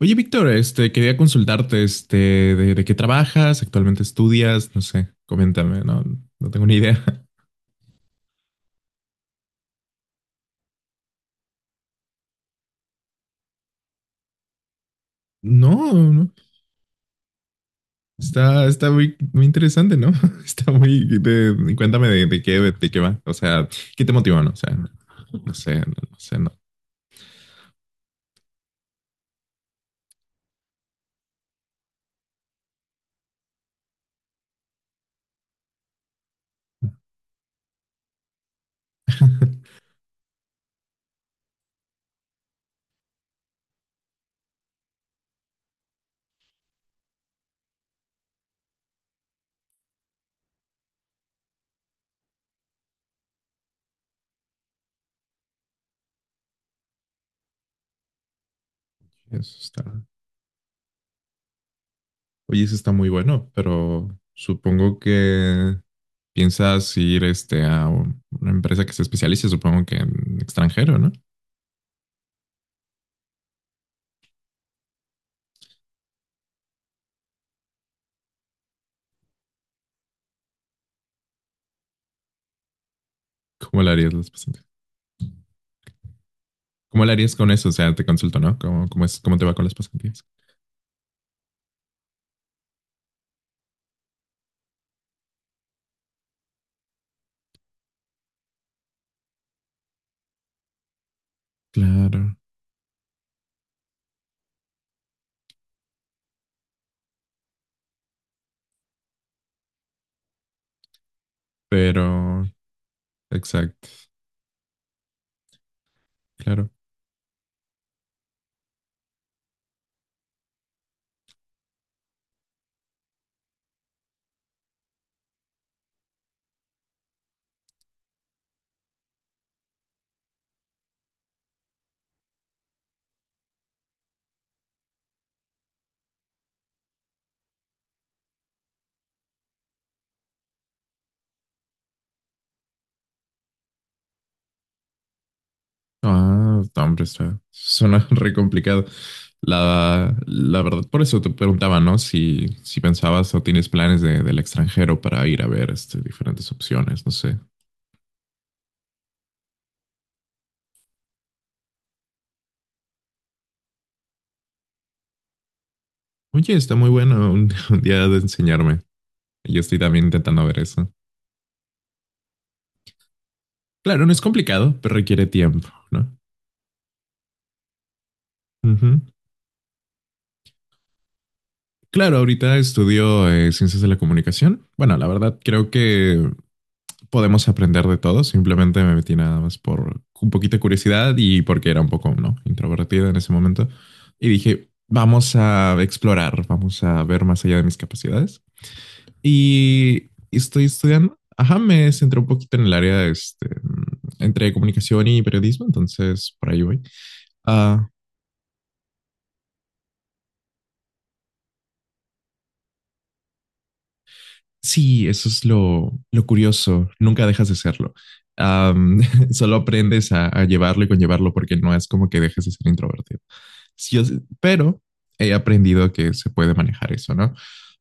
Oye, Víctor, quería consultarte, de qué trabajas, actualmente estudias, no sé, coméntame, no, no tengo ni idea. No, no, está muy, muy interesante, ¿no? Está muy, cuéntame de qué va, o sea, ¿qué te motivó, no? O sea, no sé, no, no sé, no. Eso está, oye, eso está muy bueno, pero supongo que piensas ir, a una empresa que se especialice, supongo que en extranjero, ¿no? ¿Cómo lo harías ¿Cómo le harías con eso? O sea, te consulto, ¿no? ¿Cómo es, cómo te va con las pasantías? Claro, pero, exacto, claro. Ah, no, hombre, está, suena re complicado. La verdad, por eso te preguntaba, ¿no? Si pensabas o tienes planes del extranjero para ir a ver diferentes opciones, no sé. Oye, está muy bueno un, un día de enseñarme. Yo estoy también intentando ver eso. Claro, no es complicado, pero requiere tiempo, ¿no? Ujú. Claro, ahorita estudio ciencias de la comunicación. Bueno, la verdad creo que podemos aprender de todo. Simplemente me metí nada más por un poquito de curiosidad y porque era un poco, ¿no? introvertida en ese momento. Y dije, vamos a explorar, vamos a ver más allá de mis capacidades. Y estoy estudiando. Ajá, me centré un poquito en el área entre comunicación y periodismo, entonces por ahí voy. Ah, sí, eso es lo curioso. Nunca dejas de serlo. Am, Solo aprendes a llevarlo y conllevarlo porque no es como que dejes de ser introvertido. Sí, pero he aprendido que se puede manejar eso, ¿no?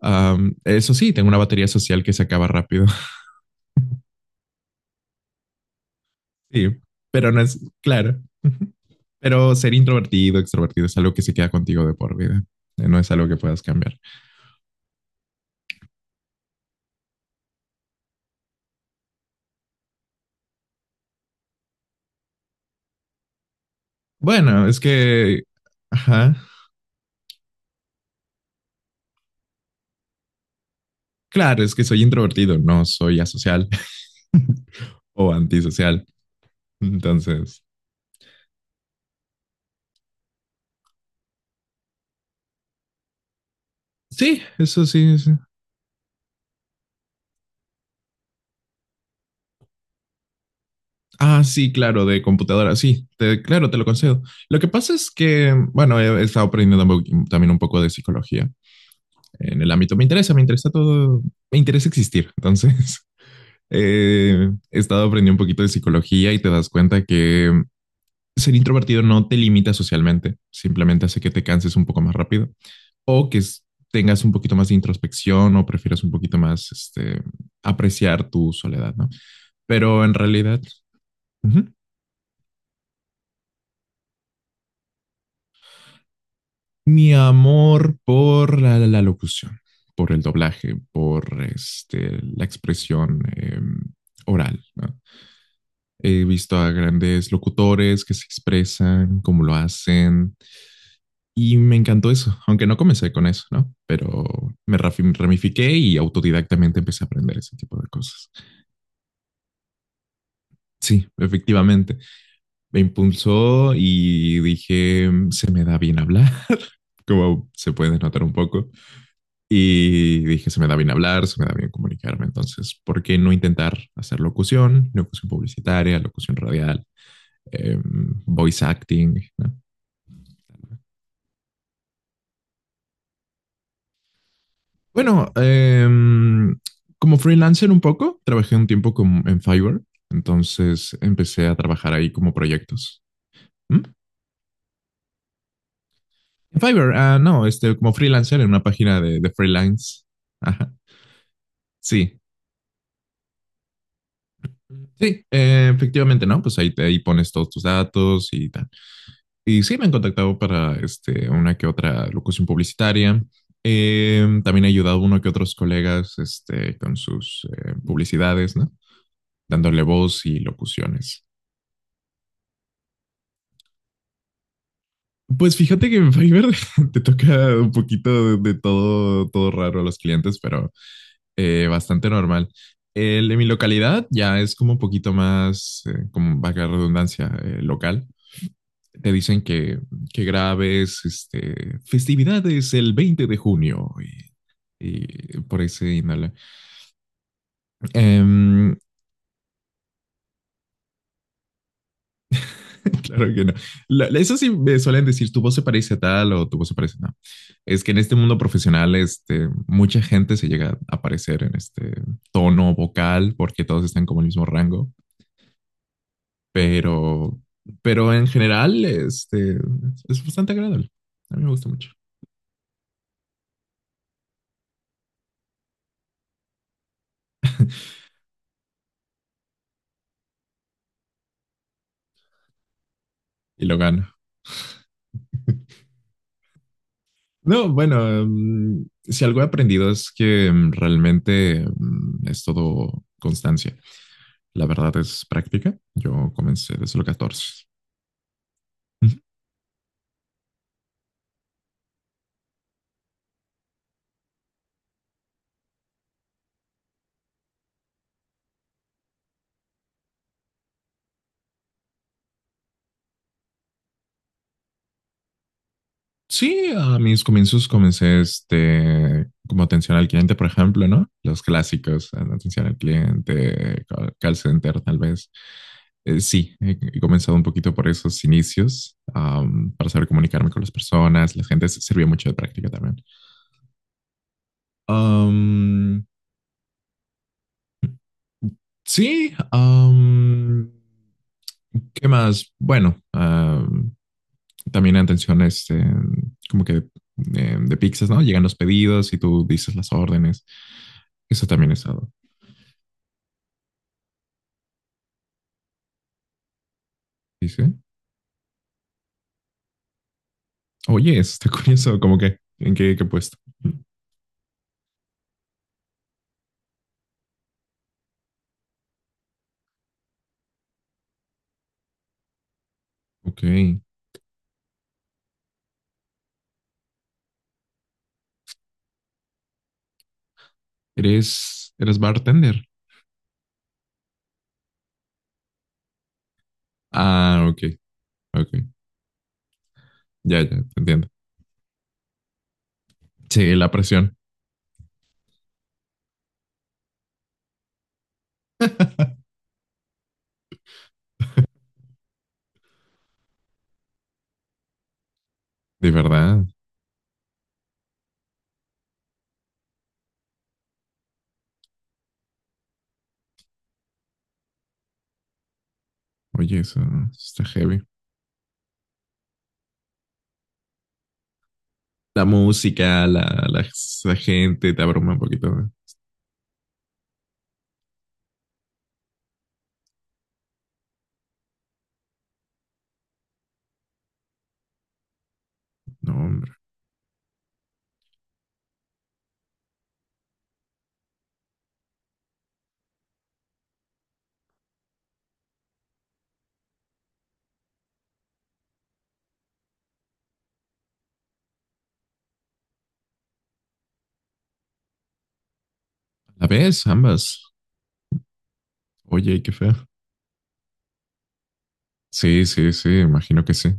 Eso sí, tengo una batería social que se acaba rápido. Sí, pero no es claro. Pero ser introvertido, extrovertido es algo que se queda contigo de por vida. No es algo que puedas cambiar. Bueno, es que, ajá. Claro, es que soy introvertido, no soy asocial. O antisocial. Entonces, sí, eso sí, sí. Ah, sí, claro, de computadora, sí, claro, te lo concedo. Lo que pasa es que, bueno, he estado aprendiendo un también un poco de psicología en el ámbito. Me interesa todo, me interesa existir. Entonces, he estado aprendiendo un poquito de psicología y te das cuenta que ser introvertido no te limita socialmente, simplemente hace que te canses un poco más rápido o que tengas un poquito más de introspección o prefieras un poquito más apreciar tu soledad, ¿no? Pero en realidad, ujú, mi amor por la locución, por el doblaje, por la expresión oral, ¿no? He visto a grandes locutores que se expresan, cómo lo hacen, y me encantó eso, aunque no comencé con eso, ¿no? Pero me ramifiqué y autodidactamente empecé a aprender ese tipo de cosas. Sí, efectivamente. Me impulsó y dije, " Se me da bien hablar, como se puede notar un poco. Y dije, se me da bien hablar, se me da bien comunicarme. Entonces, ¿por qué no intentar hacer locución, locución publicitaria, locución radial, eh, voice acting? ¿No? Bueno, como freelancer un poco, trabajé un tiempo con, en Fiverr. Entonces empecé a trabajar ahí como proyectos. ¿Mm? En Fiverr, ah, no, como freelancer en una página de freelance. Ajá. Sí, sí, efectivamente, ¿no? Pues ahí pones todos tus datos y tal. Y sí, me han contactado para una que otra locución publicitaria. También he ayudado a uno que otros colegas con sus publicidades, ¿no? Dándole voz y locuciones. Pues fíjate que en Fiverr te toca un poquito de todo, todo raro a los clientes, pero bastante normal. El de mi localidad ya es como un poquito más, como vaga redundancia, local. Te dicen que, grabes festividades el 20 de junio y por ahí se inhala. Em, claro que no. Eso sí me suelen decir, tu voz se parece a tal o tu voz se parece a no. Es que en este mundo profesional, mucha gente se llega a parecer en este tono vocal porque todos están como en el mismo rango, pero, pero en general, es bastante agradable. A mí me gusta mucho y lo gano. No, bueno, si algo he aprendido es que realmente es todo constancia. La verdad es práctica. Yo comencé desde los 14. Sí, a mis comienzos comencé como atención al cliente, por ejemplo, ¿no? Los clásicos, atención al cliente, call center, tal vez. Sí, he comenzado un poquito por esos inicios, para saber comunicarme con las personas. La gente sirvió mucho de práctica también. Sí, ¿qué más? Bueno, también atención, como que de pizzas, ¿no? Llegan los pedidos y tú dices las órdenes. Eso también es algo. Dice, oye, eso está curioso, como que, ¿en qué, qué puesto? Ok, eres bartender. Ah, ok, ok, ya, ya, te entiendo. Sí, la presión, de verdad. Oye, eso está heavy. La música, la, la gente te abruma un poquito. No, no, hombre. ¿La ves? Ambas. Oye, qué fea. Sí, sí, sí, imagino que sí.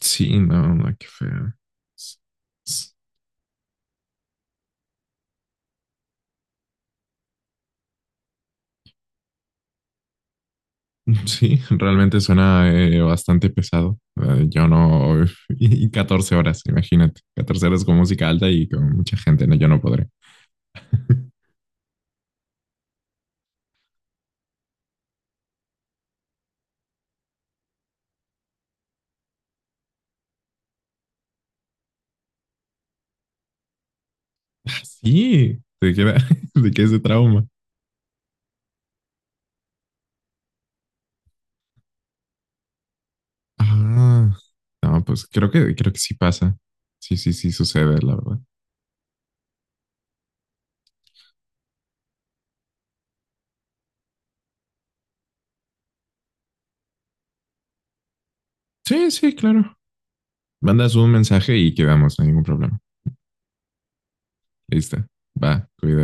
Sí, no, no, qué fea. S- s- Sí, realmente suena bastante pesado. Yo no. Y 14 horas, imagínate. 14 horas con música alta y con mucha gente, no, yo no podré. Ah, sí, te queda, te queda ese trauma. Ah, no, pues creo que sí pasa. Sí, sí, sí sucede, la verdad. Sí, sí, claro. Mandas un mensaje y quedamos, no hay ningún problema. Listo. Va, cuídate.